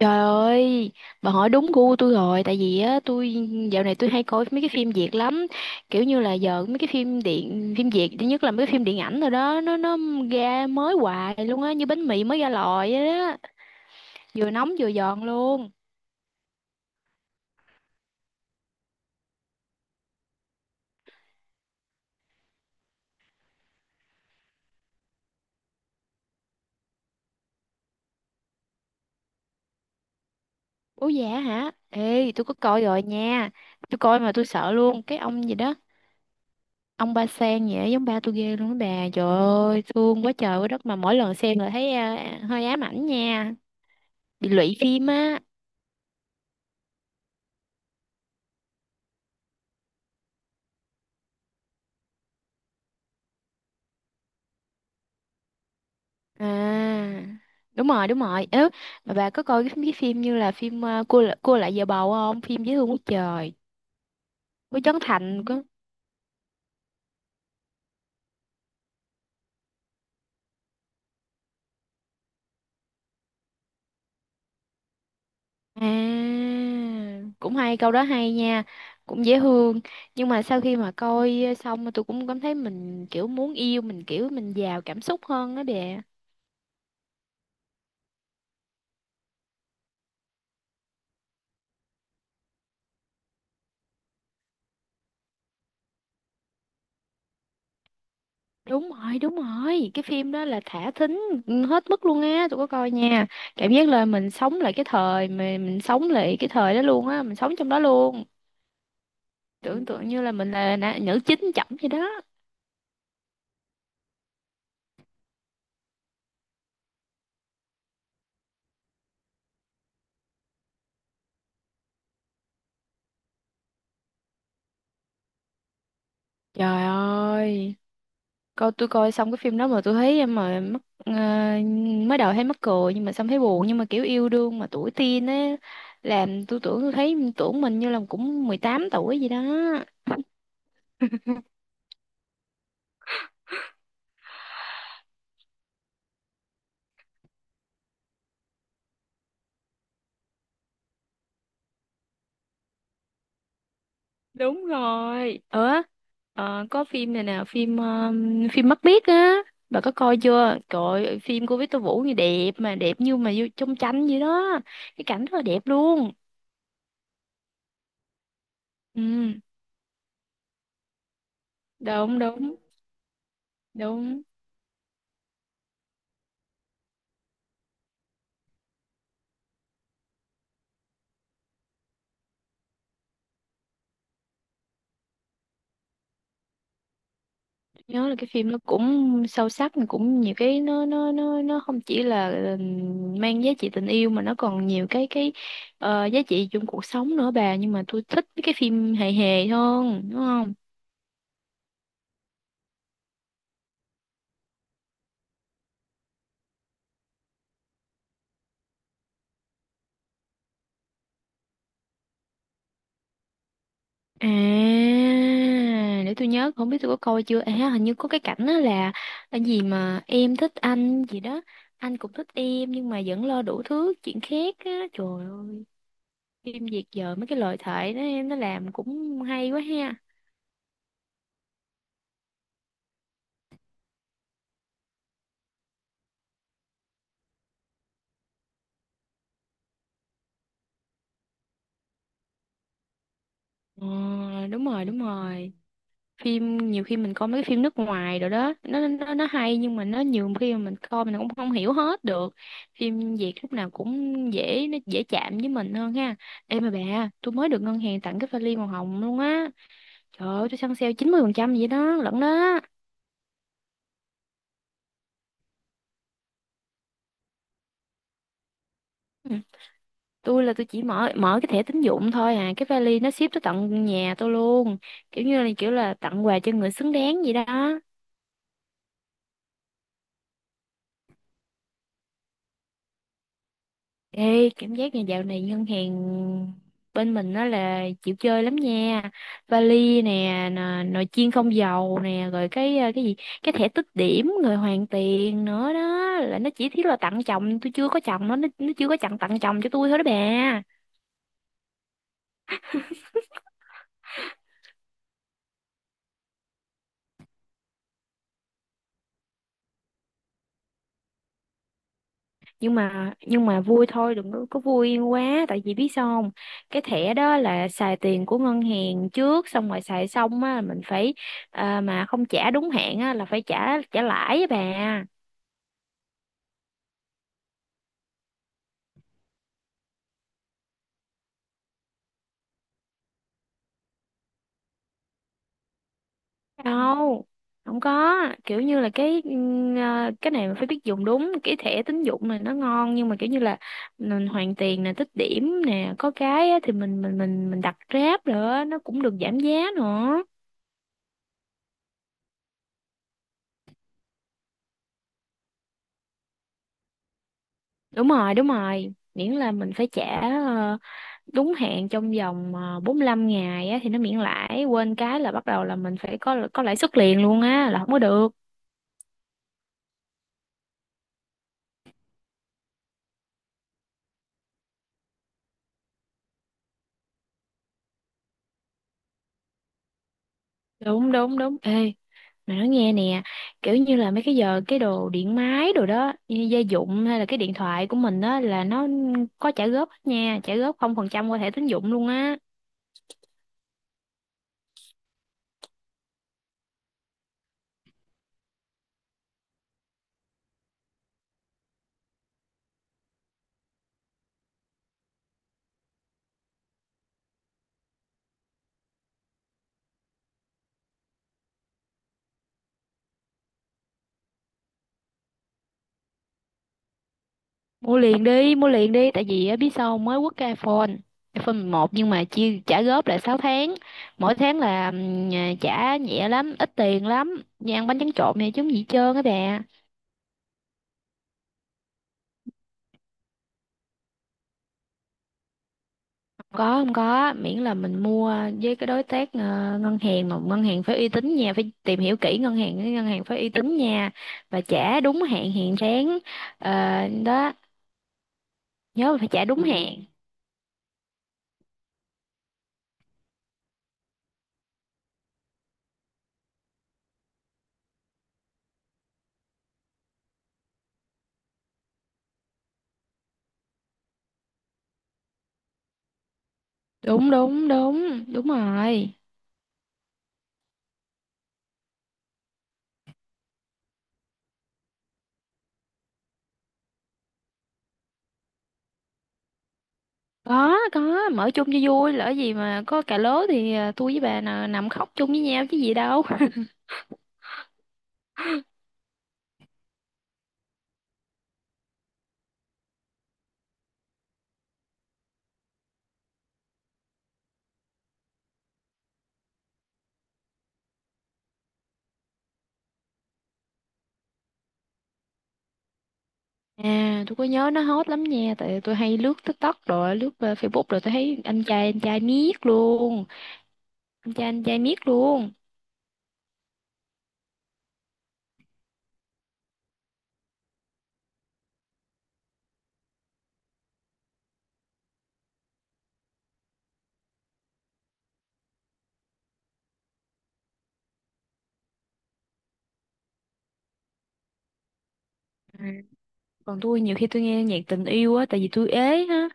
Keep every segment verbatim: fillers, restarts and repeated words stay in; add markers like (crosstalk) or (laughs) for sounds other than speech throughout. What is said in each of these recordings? Trời ơi, bà hỏi đúng gu tôi rồi, tại vì á tôi dạo này tôi hay coi mấy cái phim Việt lắm, kiểu như là giờ mấy cái phim điện phim Việt thứ nhất là mấy cái phim điện ảnh rồi đó, nó nó ra mới hoài luôn á, như bánh mì mới ra lò vậy đó, vừa nóng vừa giòn luôn. Ủa dạ hả? Ê, tôi có coi rồi nha. Tôi coi mà tôi sợ luôn, cái ông gì đó, ông Ba Sen vậy giống ba tôi ghê luôn đó bà. Trời ơi, thương quá trời quá đất mà mỗi lần xem là thấy à, hơi ám ảnh nha, bị lụy phim á. À, đúng rồi, đúng rồi. Ớ, mà bà có coi cái, cái phim như là phim ờ, cua Lạ- cua lại giờ bầu không? Phim dễ thương quá trời. Với Trấn Thành có. À, cũng hay, câu đó hay nha. Cũng dễ thương. Nhưng mà sau khi mà coi ờ, xong mà tôi cũng cảm thấy mình kiểu muốn yêu, mình kiểu mình giàu cảm xúc hơn đó đè. Đúng rồi, đúng rồi. Cái phim đó là thả thính hết mức luôn á, tôi có coi nha. Cảm giác là mình sống lại cái thời mà mình sống lại cái thời đó luôn á, mình sống trong đó luôn. Tưởng tượng như là mình là nã- nữ chính chậm vậy đó. Trời ơi, coi tôi coi xong cái phim đó mà tôi thấy mà mắc ờ, mới đầu thấy mắc cười nhưng mà xong thấy buồn, nhưng mà kiểu yêu đương mà tuổi teen á, làm tôi tưởng tôi thấy tưởng mình như là cũng mười tám tuổi gì đó. Đúng rồi. Ờ, ờ, có phim này nè, phim um, phim Mắt Biếc á, bà có coi chưa? Trời ơi, phim của Victor Vũ như đẹp mà đẹp như mà vô trong tranh vậy đó. Cái cảnh rất là đẹp luôn. Ừ, đúng đúng. đúng Nhớ là cái phim nó cũng sâu sắc mà cũng nhiều cái, nó nó nó nó không chỉ là ừ, mang giá trị tình yêu mà nó còn nhiều cái cái ờ, giá trị trong cuộc sống nữa bà, nhưng mà tôi thích mấy cái phim hề hề hơn, đúng không? À, để tôi nhớ, không biết tôi có coi chưa, à hình như có cái cảnh đó là cái gì mà em thích anh gì đó, anh cũng thích em nhưng mà vẫn lo đủ thứ chuyện khác á. Trời ơi, phim Việt giờ mấy cái lời thoại nó nó làm cũng hay quá ha. Ờ, đúng rồi, đúng rồi. Phim nhiều khi mình coi mấy cái phim nước ngoài rồi đó, nó nó nó hay nhưng mà nó nhiều khi mà mình coi mình cũng không hiểu hết được. Phim Việt lúc nào cũng dễ nó dễ chạm với mình hơn ha. Ê mà bà, tôi mới được ngân hàng tặng cái vali màu hồng luôn á. Trời ơi, tôi săn sale chín mươi phần trăm vậy đó lận đó. Ừ, tôi là tôi chỉ mở mở cái thẻ tín dụng thôi à, cái vali nó ship tới tận nhà tôi luôn, kiểu như là kiểu là tặng quà cho người xứng đáng vậy đó. Ê, cảm giác nhà dạo này ngân hàng bên mình nó là chịu chơi lắm nha. Vali nè, nò- nồi chiên không dầu nè, rồi cái ờ, cái gì, cái thẻ tích điểm rồi hoàn tiền nữa đó. Là nó chỉ thiết là tặng chồng, tôi chưa có chồng, nó, nó nó chưa có chồng, tặng chồng cho tôi thôi đó bà. Nhưng mà nhưng mà vui thôi, đừng có, có vui quá, tại vì biết sao không? Cái thẻ đó là xài tiền của ngân hàng trước, xong rồi xài xong á mình phải ờ, mà không trả đúng hạn á là phải trả trả lãi á bà. Đâu, không có, kiểu như là cái ừm, à, cái này mà phải biết dùng đúng, cái thẻ tín dụng này nó ngon, nhưng mà kiểu như là mình hoàn tiền nè, tích điểm nè, có cái á, thì mình mình mình mình đặt Grab nữa nó cũng được giảm giá nữa. Đúng rồi, đúng rồi, miễn là mình phải trả ờ, đúng hạn trong vòng ờ, bốn lăm ngày á, thì nó miễn lãi, quên cái là bắt đầu là mình phải có có lãi suất liền luôn á, là không có được. Đúng, đúng, đúng. Ê, mày nói nghe nè, kiểu như là mấy cái giờ cái đồ điện máy đồ đó, như gia dụng hay là cái điện thoại của mình đó, là nó có trả góp hết nha, trả góp không phần trăm qua thẻ tín dụng luôn á. Mua liền đi, mua liền đi, tại vì á, biết sao không? Mới quất cái iPhone, iPhone mười một, nhưng mà chia trả góp là sáu tháng, mỗi tháng là ừm, à, trả nhẹ lắm, ít tiền lắm, như ăn bánh tráng trộn này chứ không gì hết trơn á bà. Có, không có, miễn là mình mua với cái đối tác ờ, ngân hàng, mà ngân hàng phải uy tín nha, phải tìm hiểu kỹ ngân hàng, cái ngân hàng phải uy tín nha, và trả đúng hạn hàng tháng. Ờ, đó, nhớ là phải trả đúng hạn. Đúng đúng đúng đúng rồi. có có mở chung cho vui, lỡ gì mà có cà lố thì ờ, tôi với bà nè, nằm khóc chung với nhau chứ gì đâu. (laughs) À, tôi có nhớ, nó hot lắm nha, tại tôi hay lướt TikTok rồi lướt ờ, Facebook, rồi tôi thấy anh trai anh trai miết luôn, anh trai anh trai miết luôn. Còn tôi nhiều khi tôi nghe nhạc tình yêu á, tại vì tôi ế á,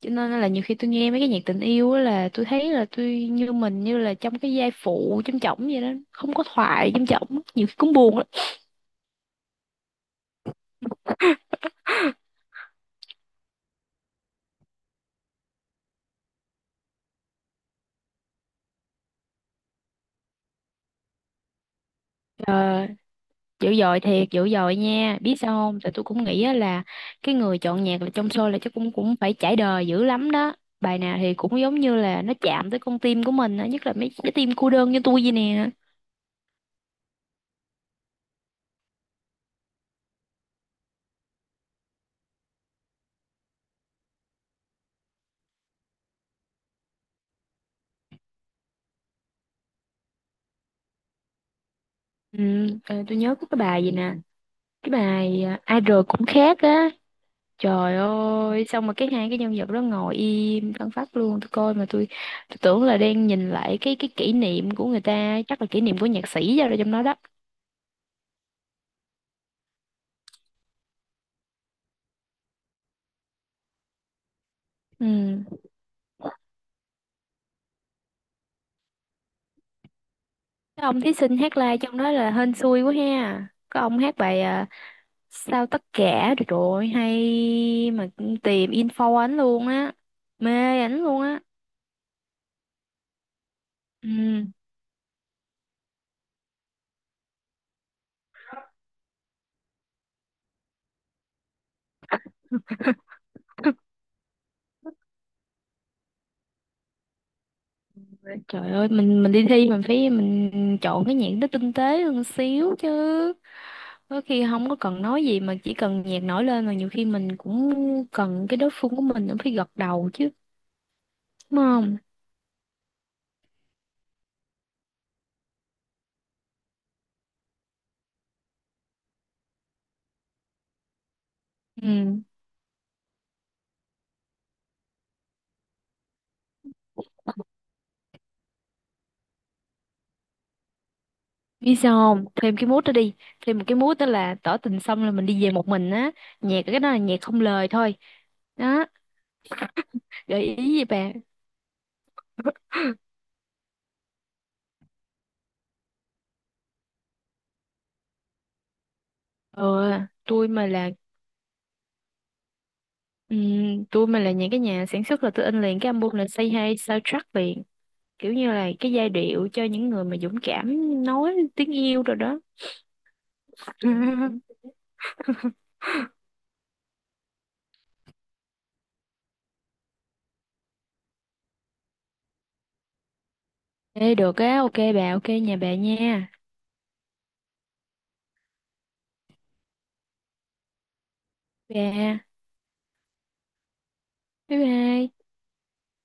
cho nên là nhiều khi tôi nghe mấy cái nhạc tình yêu á là tôi thấy là tôi như mình như là trong cái giai phụ trong chổng vậy đó, không có thoại trong chổng nhiều khi cũng buồn lắm. Ờ, dữ dội thiệt, dữ dội nha. Biết sao không, tại tôi cũng nghĩ á là cái người chọn nhạc là trong show là chắc cũng cũng phải trải đời dữ lắm đó. Bài nào thì cũng giống như là nó chạm tới con tim của mình á, nhất là mấy cái tim cô đơn như tôi vậy nè. ừ, ờ, tôi nhớ có cái bài gì nè, cái bài à, idol cũng khác á. Trời ơi, xong mà cái hai cái nhân vật đó ngồi im phăng phắc luôn, tôi coi mà tôi, tôi tưởng là đang nhìn lại cái cái kỷ niệm của người ta, chắc là kỷ niệm của nhạc sĩ ra rồi trong đó đó. Ừ. Cái ông thí sinh hát live trong đó là hên xui quá ha. Có ông hát bài à, Sao tất cả rồi, trời ơi, hay mà tìm info ảnh luôn á. Mê ảnh luôn á. Ừ. Trời ơi, mình mình đi thi mình phải mình chọn cái nhạc nó tinh tế hơn xíu chứ. Có khi không có cần nói gì mà chỉ cần nhạc nổi lên, mà nhiều khi mình cũng cần cái đối phương của mình cũng phải gật đầu chứ, đúng không? Ừ. Biết sao không? Thêm cái mút đó đi. Thêm một cái mút đó là tỏ tình xong là mình đi về một mình á. Nhạc cái đó là nhạc không lời thôi. Đó, gợi ý gì bà? Ờ, tôi mà là ừm, tôi mà là những cái nhà sản xuất là tôi in liền cái album là Say Hi soundtrack liền, kiểu như là cái giai điệu cho những người mà dũng cảm nói tiếng yêu rồi đó. (laughs) Ê được á, ok bà, ok nhà bà nha bà. Bye bye.